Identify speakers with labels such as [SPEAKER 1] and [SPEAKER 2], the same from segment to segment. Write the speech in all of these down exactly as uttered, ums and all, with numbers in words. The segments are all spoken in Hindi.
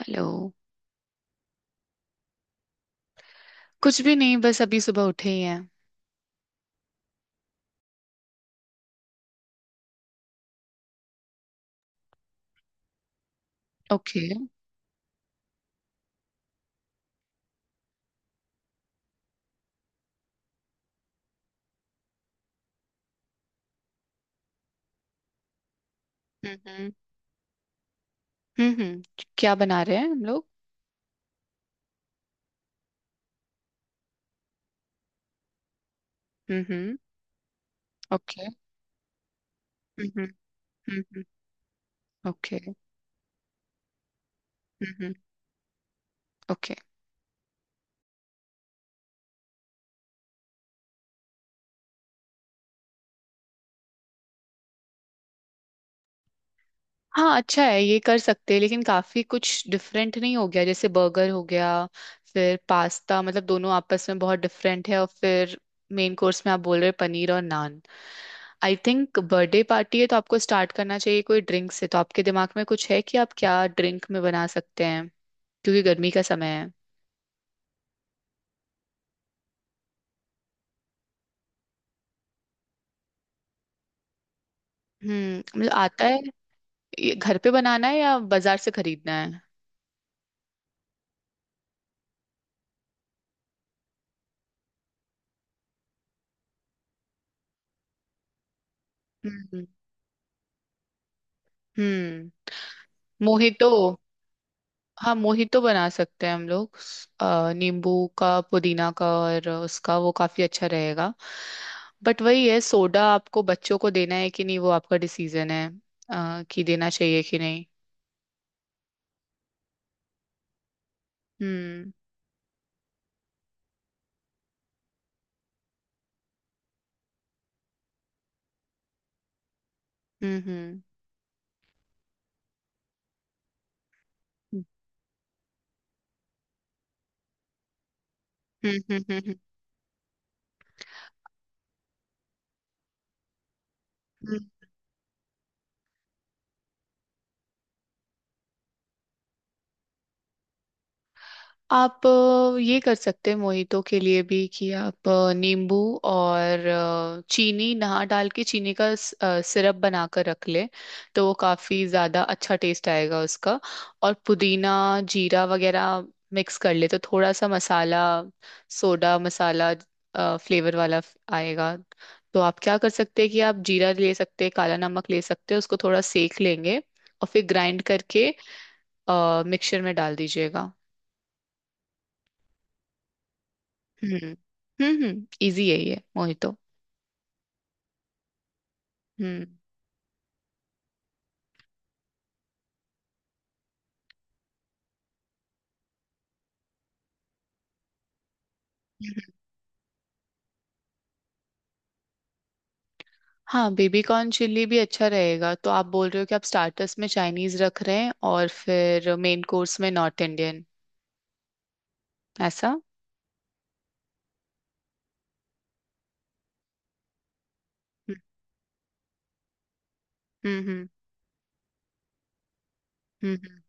[SPEAKER 1] हेलो। कुछ भी नहीं, बस अभी सुबह उठे ही हैं। ओके। हम्म हम्म। हम्म हम्म। क्या बना रहे हैं हम लोग? हम्म हम्म। ओके। हम्म हम्म। हम्म हम्म। ओके। हम्म हम्म। ओके। हाँ अच्छा है, ये कर सकते हैं, लेकिन काफी कुछ डिफरेंट नहीं हो गया। जैसे बर्गर हो गया, फिर पास्ता, मतलब दोनों आपस में बहुत डिफरेंट है। और फिर मेन कोर्स में आप बोल रहे हैं पनीर और नान। आई थिंक बर्थडे पार्टी है तो आपको स्टार्ट करना चाहिए कोई ड्रिंक से। तो आपके दिमाग में कुछ है कि आप क्या ड्रिंक में बना सकते हैं? क्योंकि गर्मी का समय है। हम्म, मतलब आता है। ये घर पे बनाना है या बाजार से खरीदना है? हम्म हम्म। मोहितो। हाँ, मोहितो बना सकते हैं हम लोग स- अ, नींबू का, पुदीना का, और उसका वो काफी अच्छा रहेगा। बट वही है, सोडा आपको बच्चों को देना है कि नहीं, वो आपका डिसीजन है, अ, कि देना चाहिए कि नहीं। हम्म हम्म। हम्म हम्म। हम्म हम्म। हम्म। आप अ, ये कर सकते हैं मोहितो के लिए भी, कि आप अ, नींबू और अ, चीनी नहा डाल के चीनी का स- अ, सिरप बनाकर रख ले। तो वो काफी ज्यादा अच्छा टेस्ट आएगा उसका। और पुदीना, जीरा वगैरह मिक्स कर ले तो थोड़ा सा मसाला, सोडा मसाला फ्लेवर वाला फ- आएगा। तो आप क्या कर सकते हैं कि आप जीरा ले सकते हैं, काला नमक ले सकते हैं, उसको थोड़ा सेक लेंगे और फिर ग्राइंड करके मिक्सचर में डाल दीजिएगा। हम्म हम्म हम्म, इजी है ये मोहितो। हम्म हम्म। हाँ, बेबी कॉर्न चिल्ली भी अच्छा रहेगा। तो आप बोल रहे हो कि आप स्टार्टर्स में चाइनीज रख रहे हैं और फिर मेन कोर्स में नॉर्थ इंडियन? ऐसा? हम्म हम्म हम्म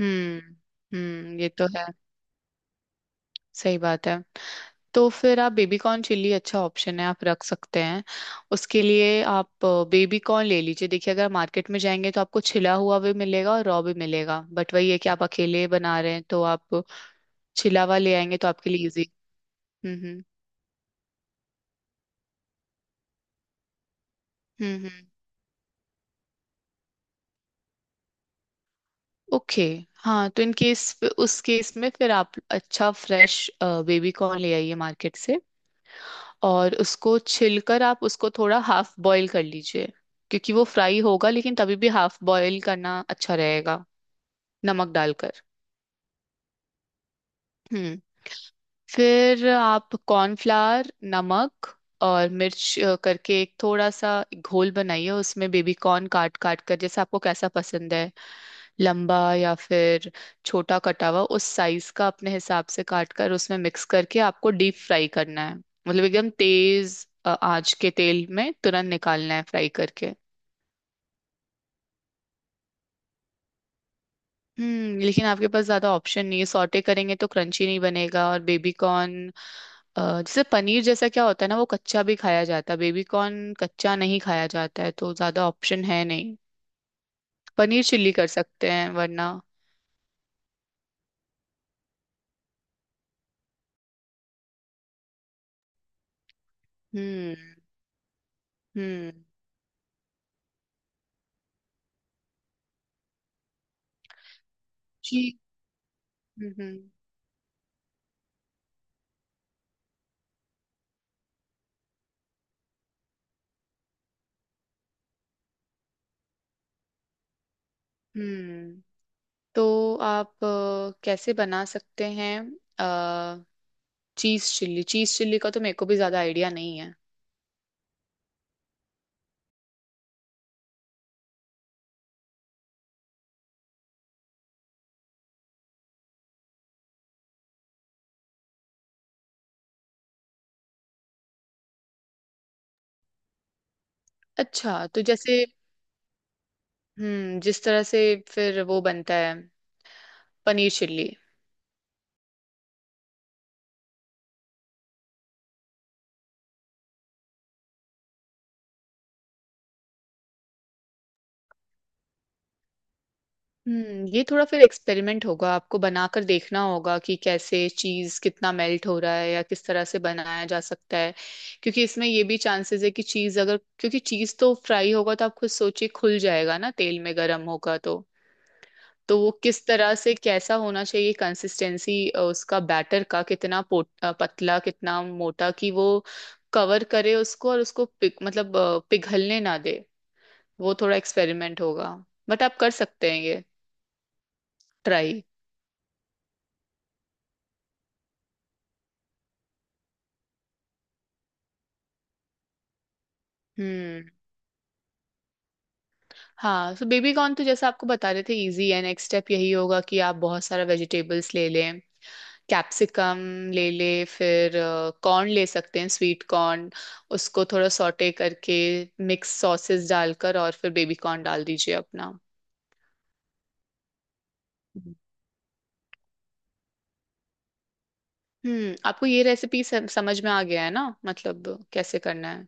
[SPEAKER 1] हम्म हम्म। ये तो है, सही बात है। तो फिर आप, बेबी कॉर्न चिल्ली अच्छा ऑप्शन है, आप रख सकते हैं। उसके लिए आप बेबी कॉर्न ले लीजिए। देखिए, अगर मार्केट में जाएंगे तो आपको छिला हुआ भी मिलेगा और रॉ भी मिलेगा, बट वही है कि आप अकेले बना रहे हैं तो आप चिलावा ले आएंगे तो आपके लिए इजी। हम्म हम्म हम्म हम्म। ओके। हाँ, तो इन केस उस केस में फिर आप अच्छा फ्रेश बेबी कॉर्न ले आइए मार्केट से, और उसको छिलकर आप उसको थोड़ा हाफ बॉईल कर लीजिए। क्योंकि वो फ्राई होगा, लेकिन तभी भी हाफ बॉईल करना अच्छा रहेगा, नमक डालकर। हम्म। फिर आप कॉर्नफ्लावर, नमक और मिर्च अ, करके एक थोड़ा सा घोल बनाइए। उसमें बेबी कॉर्न काट काट कर, जैसे आपको कैसा पसंद है, लंबा या फिर छोटा कटा हुआ, उस साइज का अपने हिसाब से काट कर, उसमें मिक्स करके आपको डीप फ्राई करना है। मतलब एकदम तेज अ, आंच के तेल में तुरंत निकालना है फ्राई करके। हम्म, लेकिन आपके पास ज्यादा ऑप्शन नहीं है। सॉटे करेंगे तो क्रंची नहीं बनेगा, और बेबी कॉर्न जैसे, पनीर जैसा क्या होता है ना, वो कच्चा भी खाया जाता है, बेबी कॉर्न कच्चा नहीं खाया जाता है, तो ज्यादा ऑप्शन है नहीं। पनीर चिल्ली कर सकते हैं वरना। हम्म हम्म। जी। हम्म हम्म हम्म। तो आप अ, कैसे बना सकते हैं चीज चिल्ली? चीज चिल्ली का तो मेरे को भी ज्यादा आइडिया नहीं है। अच्छा, तो जैसे। हम्म, जिस तरह से फिर वो बनता है पनीर चिल्ली। हम्म, ये थोड़ा फिर एक्सपेरिमेंट होगा, आपको बनाकर देखना होगा कि कैसे चीज कितना मेल्ट हो रहा है या किस तरह से बनाया जा सकता है। क्योंकि इसमें ये भी चांसेस है कि चीज अगर, क्योंकि चीज तो फ्राई होगा तो आप खुद सोचिए खुल जाएगा ना, तेल में गर्म होगा तो तो वो किस तरह से कैसा होना चाहिए कंसिस्टेंसी उसका, बैटर का कितना पोट, अ, पतला कितना मोटा, कि वो कवर करे उसको और उसको पिघ मतलब अ, पिघलने ना दे। वो थोड़ा एक्सपेरिमेंट होगा, बट आप कर सकते हैं ये ट्राई। हम्म। हाँ, सो बेबी कॉर्न तो जैसा आपको बता रहे थे इजी है। नेक्स्ट स्टेप यही होगा कि आप बहुत सारा वेजिटेबल्स ले लें, कैप्सिकम ले ले, फिर अ, कॉर्न ले सकते हैं, स्वीट कॉर्न, उसको थोड़ा सॉटे करके मिक्स सॉसेस डालकर और फिर बेबी कॉर्न डाल दीजिए अपना। हम्म। हम्म, आपको ये रेसिपी समझ में आ गया है ना, मतलब कैसे करना है?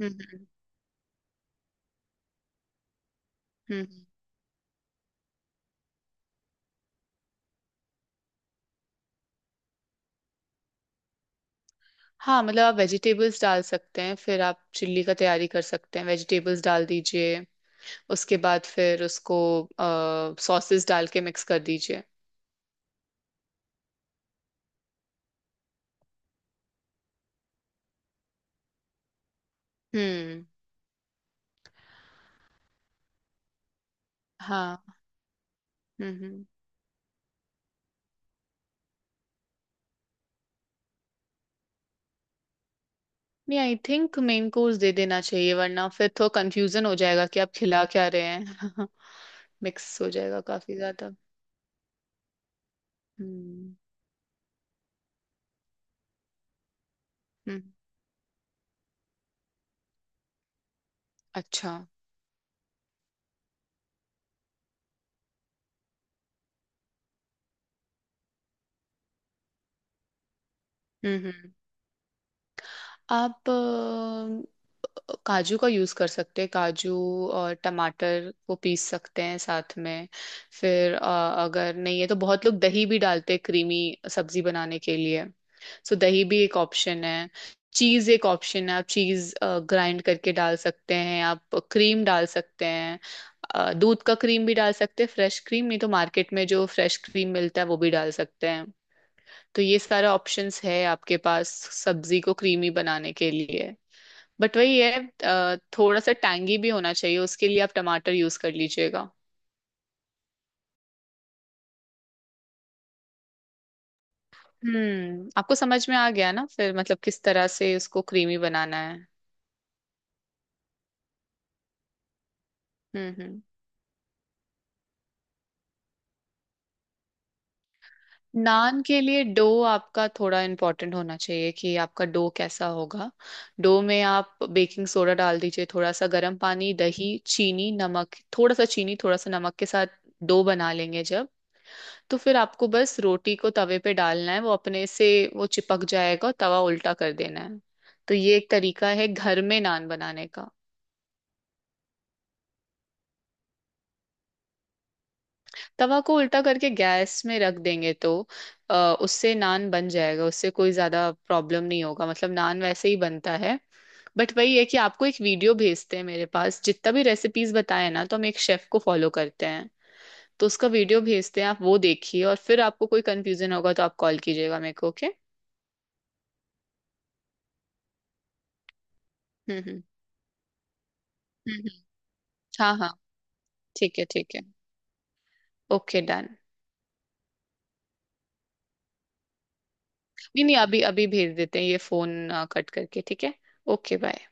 [SPEAKER 1] हम्म हम्म। हम्म। हाँ, मतलब आप वेजिटेबल्स डाल सकते हैं, फिर आप चिल्ली का तैयारी कर सकते हैं, वेजिटेबल्स डाल दीजिए। उसके बाद फिर उसको सॉसेस डाल के मिक्स कर दीजिए। हम्म। हाँ। हम्म हम्म। नहीं, आई थिंक मेन कोर्स दे देना चाहिए वरना फिर तो कंफ्यूजन हो जाएगा कि आप खिला क्या रहे हैं। मिक्स हो जाएगा काफी ज्यादा। हम्म हम्म। अच्छा। हम्म हम्म। आप अ, काजू का यूज़ कर सकते हैं, काजू और टमाटर को पीस सकते हैं साथ में। फिर अ, अगर नहीं है तो बहुत लोग दही भी डालते हैं क्रीमी सब्जी बनाने के लिए। सो दही भी एक ऑप्शन है, चीज़ एक ऑप्शन है, आप चीज़ ग्राइंड करके डाल सकते हैं, आप क्रीम डाल सकते हैं, अ, दूध का क्रीम भी डाल सकते हैं, फ्रेश क्रीम। नहीं तो मार्केट में जो फ्रेश क्रीम मिलता है वो भी डाल सकते हैं। तो ये सारा ऑप्शंस है आपके पास सब्जी को क्रीमी बनाने के लिए। बट वही है, अ, थोड़ा सा टैंगी भी होना चाहिए, उसके लिए आप टमाटर यूज कर लीजिएगा। हम्म, आपको समझ में आ गया ना फिर, मतलब किस तरह से उसको क्रीमी बनाना है? हम्म हम्म। नान के लिए डो आपका थोड़ा इम्पोर्टेंट होना चाहिए कि आपका डो कैसा होगा। डो में आप बेकिंग सोडा डाल दीजिए, थोड़ा सा गर्म पानी, दही, चीनी, नमक, थोड़ा सा चीनी थोड़ा सा नमक के साथ डो बना लेंगे जब, तो फिर आपको बस रोटी को तवे पे डालना है, वो अपने से वो चिपक जाएगा और तवा उल्टा कर देना है। तो ये एक तरीका है घर में नान बनाने का। तवा को उल्टा करके गैस में रख देंगे तो, अ, उससे नान बन जाएगा, उससे कोई ज्यादा प्रॉब्लम नहीं होगा, मतलब नान वैसे ही बनता है। बट वही है कि आपको एक वीडियो भेजते हैं, मेरे पास जितना भी रेसिपीज बताए ना तो हम एक शेफ को फॉलो करते हैं, तो उसका वीडियो भेजते हैं। आप वो देखिए और फिर आपको कोई कंफ्यूजन होगा तो आप कॉल कीजिएगा मेरे को, ओके? हम्म हम्म हम्म, हम्म। हाँ हाँ। ठीक है ठीक है। Okay done. नहीं नहीं, अभी अभी भेज देते हैं, ये फोन कट करके, ठीक है। Okay bye.